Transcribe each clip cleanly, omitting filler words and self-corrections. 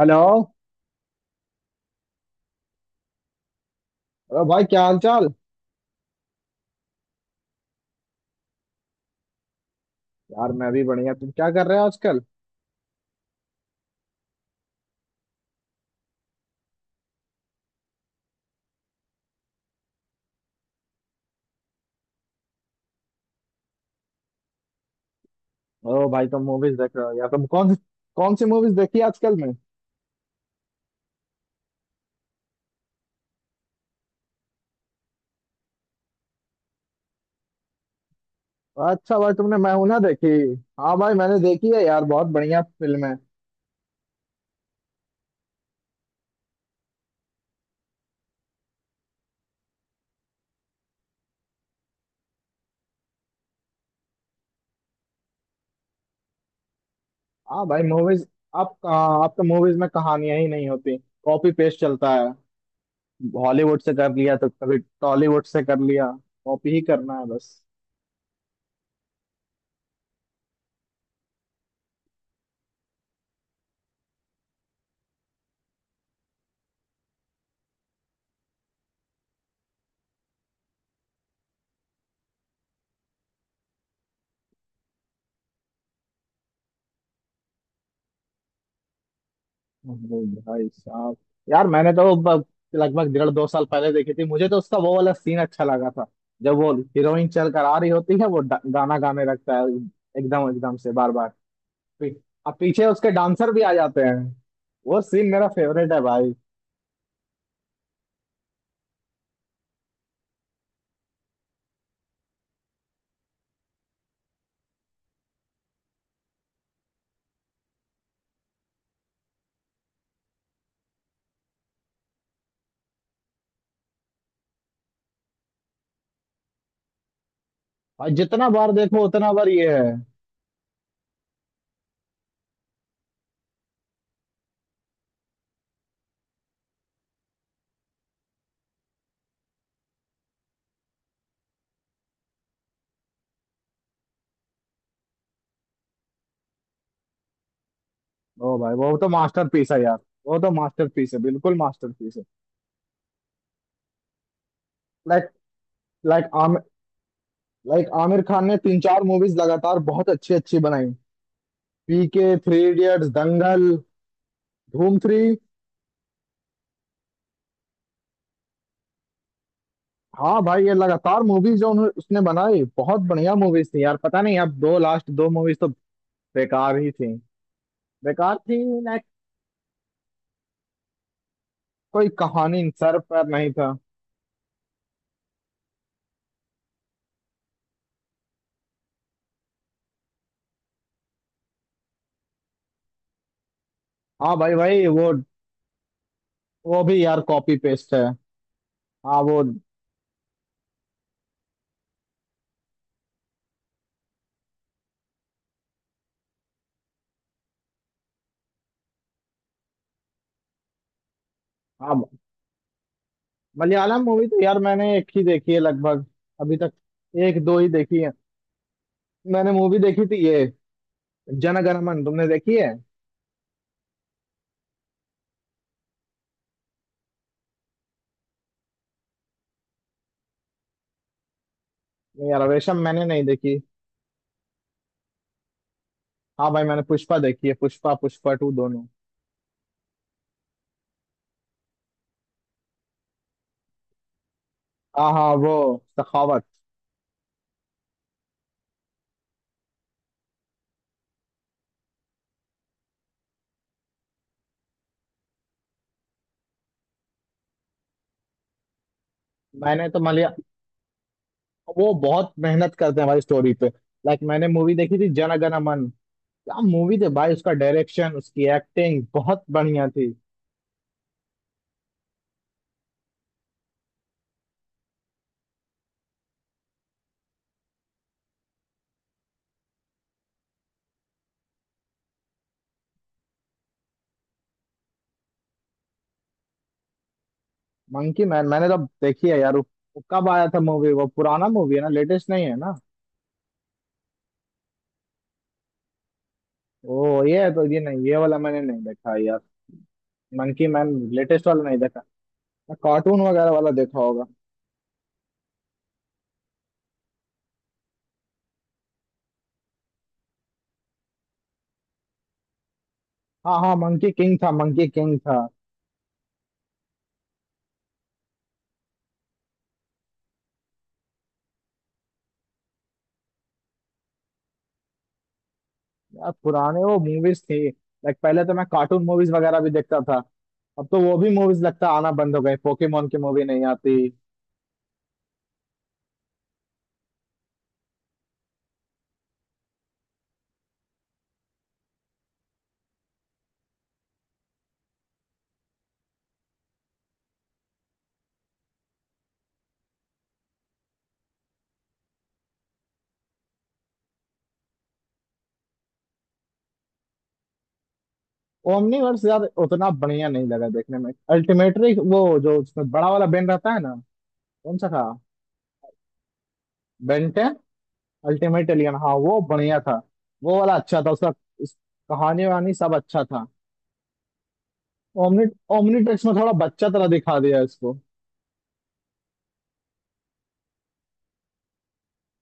Hello. अरे भाई, क्या हाल चाल। यार, मैं भी बढ़िया। तुम क्या कर रहे हो आजकल? ओ भाई, तुम मूवीज देख रहे हो? यार, तुम कौन कौन सी मूवीज देखी आजकल में? अच्छा भाई, तुमने मैं हूं ना देखी? हाँ भाई, मैंने देखी है यार, बहुत बढ़िया फिल्म है। हाँ भाई, मूवीज। आप कहाँ, आप तो मूवीज में कहानियां ही नहीं होती। कॉपी पेस्ट चलता है। हॉलीवुड से कर लिया तो कभी टॉलीवुड से कर लिया। कॉपी ही करना है बस। अरे भाई साहब, यार मैंने तो लगभग 1.5-2 साल पहले देखी थी। मुझे तो उसका वो वाला सीन अच्छा लगा था, जब वो हीरोइन चल कर आ रही होती है, वो गाना गाने लगता है। एकदम एकदम से, बार बार। पी- अब पीछे उसके डांसर भी आ जाते हैं। वो सीन मेरा फेवरेट है भाई। और जितना बार देखो उतना बार ये है। ओ भाई, वो तो मास्टरपीस है यार। वो तो मास्टरपीस है, बिल्कुल मास्टरपीस है। Like like Aamir like Aamir Khan ने तीन चार मूवीज लगातार बहुत अच्छी अच्छी बनाई। पीके, थ्री इडियट्स, दंगल, धूम थ्री। हाँ भाई, ये लगातार मूवीज जो उन्होंने उसने बनाई बहुत बढ़िया मूवीज थी यार। पता नहीं, अब दो लास्ट दो मूवीज तो बेकार ही थी। बेकार थी ना। कोई कहानी इन सर पर नहीं था। हाँ भाई, वो भी यार कॉपी पेस्ट है। हाँ वो, हाँ। मलयालम मूवी तो यार मैंने एक ही देखी है लगभग, अभी तक। एक दो ही देखी है। मैंने मूवी देखी थी ये, जनगणमन। तुमने देखी है? नहीं यार, रेशम मैंने नहीं देखी। हाँ भाई, मैंने पुष्पा देखी है। पुष्पा, पुष्पा टू दोनों। हाँ हाँ वो, सखावत। मैंने तो मान लिया। वो बहुत मेहनत करते हैं भाई स्टोरी पे। लाइक, मैंने मूवी देखी थी जन गण मन। क्या मूवी थी भाई, उसका डायरेक्शन, उसकी एक्टिंग बहुत बढ़िया थी। Monkey man? मैंने तो देखी है यार वो। वो कब आया था मूवी? वो पुराना मूवी है ना, लेटेस्ट नहीं है ना? ओ ये है तो, ये नहीं, ये वाला मैंने नहीं देखा यार। मंकी मैन लेटेस्ट वाला नहीं देखा। मैं कार्टून वगैरह वाला देखा होगा। हाँ हाँ, मंकी किंग था। मंकी किंग था। यार पुराने वो मूवीज थी। लाइक, पहले तो मैं कार्टून मूवीज वगैरह भी देखता था। अब तो वो भी मूवीज लगता आना बंद हो गए। पोकेमोन की मूवी नहीं आती। ओमनीवर्स यार उतना बढ़िया नहीं लगा देखने में। अल्टीमेटली वो जो उसमें बड़ा वाला बेन रहता है ना, कौन सा था? Ben Ten, ultimate alien. हाँ वो बढ़िया था। वो वाला अच्छा था उसका। उस कहानी वहानी सब अच्छा था। ओमनी ओमनीट्रिक्स में थोड़ा बच्चा तरह दिखा दिया इसको।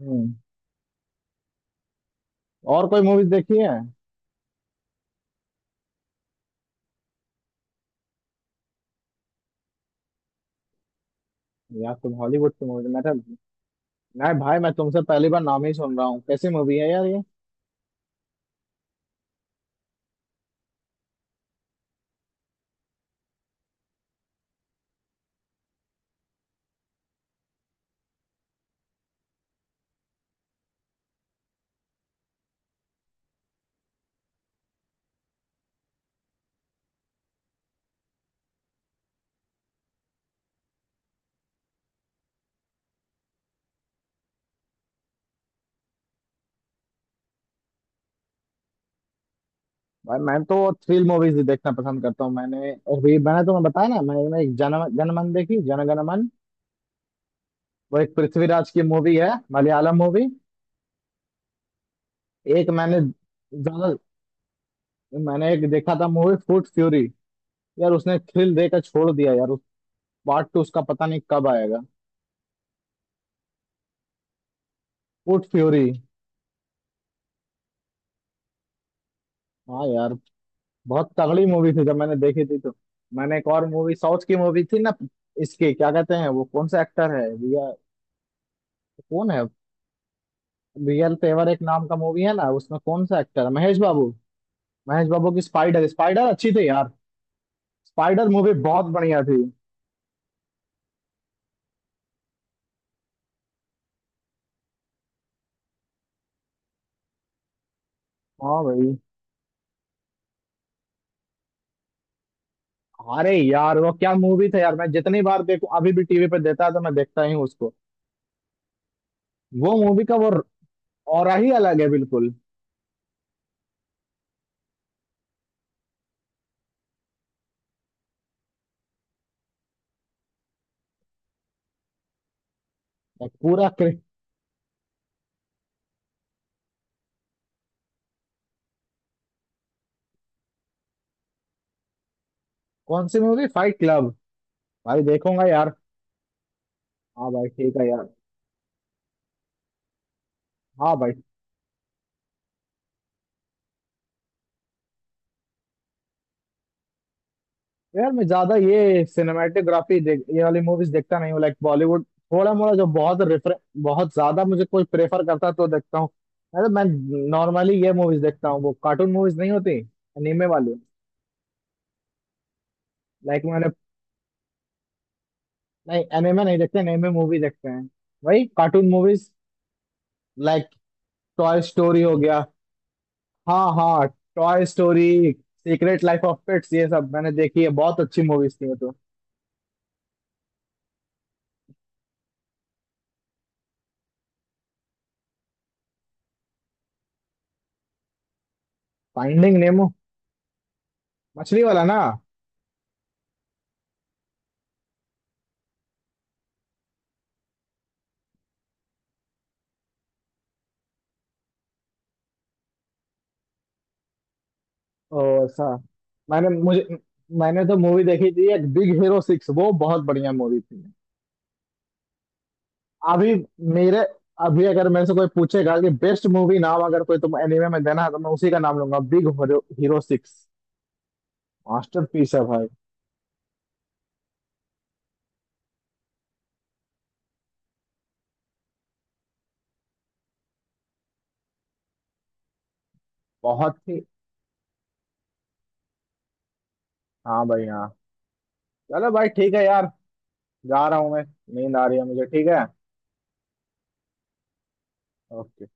हम्म। और कोई मूवीज देखी है? यार तुम हॉलीवुड की मूवी, मैं तो मैं भाई मैं तुमसे पहली बार नाम ही सुन रहा हूँ। कैसी मूवी है यार ये? भाई मैं तो थ्रिल मूवीज ही देखना पसंद करता हूँ। मैंने तुम्हें बताया ना, मैंने एक जन जनमन देखी, जनगण मन। वो एक पृथ्वीराज की मूवी है, मलयालम मूवी। एक मैंने ज्यादा मैंने एक देखा था मूवी फूट फ्यूरी। यार उसने थ्रिल देकर छोड़ दिया यार, उस पार्ट टू उसका पता नहीं कब आएगा। फूट फ्यूरी। हाँ यार, बहुत तगड़ी मूवी थी जब मैंने देखी थी तो। मैंने एक और मूवी, साउथ की मूवी थी ना, इसके क्या कहते हैं, वो कौन सा एक्टर है, रिया कौन है? रियल तेवर एक नाम का मूवी है ना, उसमें कौन सा एक्टर है, महेश बाबू। महेश बाबू की स्पाइडर स्पाइडर अच्छी थी यार। स्पाइडर मूवी बहुत बढ़िया थी। हाँ भाई। अरे यार, वो क्या मूवी था यार, मैं जितनी बार देखूं, अभी भी टीवी पे देता है तो मैं देखता ही हूँ उसको। वो मूवी का वो ऑरा ही अलग है, बिल्कुल। पूरा कौन सी मूवी, फाइट क्लब? भाई देखूंगा यार। हाँ भाई, ठीक है यार। हाँ भाई। यार, मैं ज्यादा ये सिनेमेटोग्राफी देख ये वाली मूवीज देखता नहीं हूँ। लाइक, बॉलीवुड थोड़ा मोड़ा, जो बहुत रेफर, बहुत ज्यादा मुझे कोई प्रेफर करता है तो देखता हूँ। अरे, मैं नॉर्मली ये मूवीज देखता हूँ, वो कार्टून मूवीज नहीं होती, एनीमे वाली। लाइक, मैंने। नहीं, एनीमे नहीं देखते, एनीमे मूवी देखते हैं। वही cartoon movies. Like, Toy Story हो गया। हाँ हाँ। Toy Story, Secret Life of Pets, ये सब मैंने देखी है। बहुत अच्छी मूवीज थी वो तो। फाइंडिंग नेमो, मछली वाला ना? ओ ऐसा? मैंने मुझे मैंने तो मूवी देखी थी एक, बिग हीरो सिक्स। वो बहुत बढ़िया मूवी थी। अभी मेरे अभी अगर मेरे से कोई पूछेगा कि बेस्ट मूवी नाम अगर कोई तुम एनिमे में देना है तो मैं उसी का नाम लूंगा, बिग हीरो सिक्स। मास्टरपीस है भाई। बहुत ही। हाँ भाई, हाँ। चलो भाई, ठीक है यार। जा रहा हूँ मैं। नींद आ रही है मुझे। ठीक है। ओके।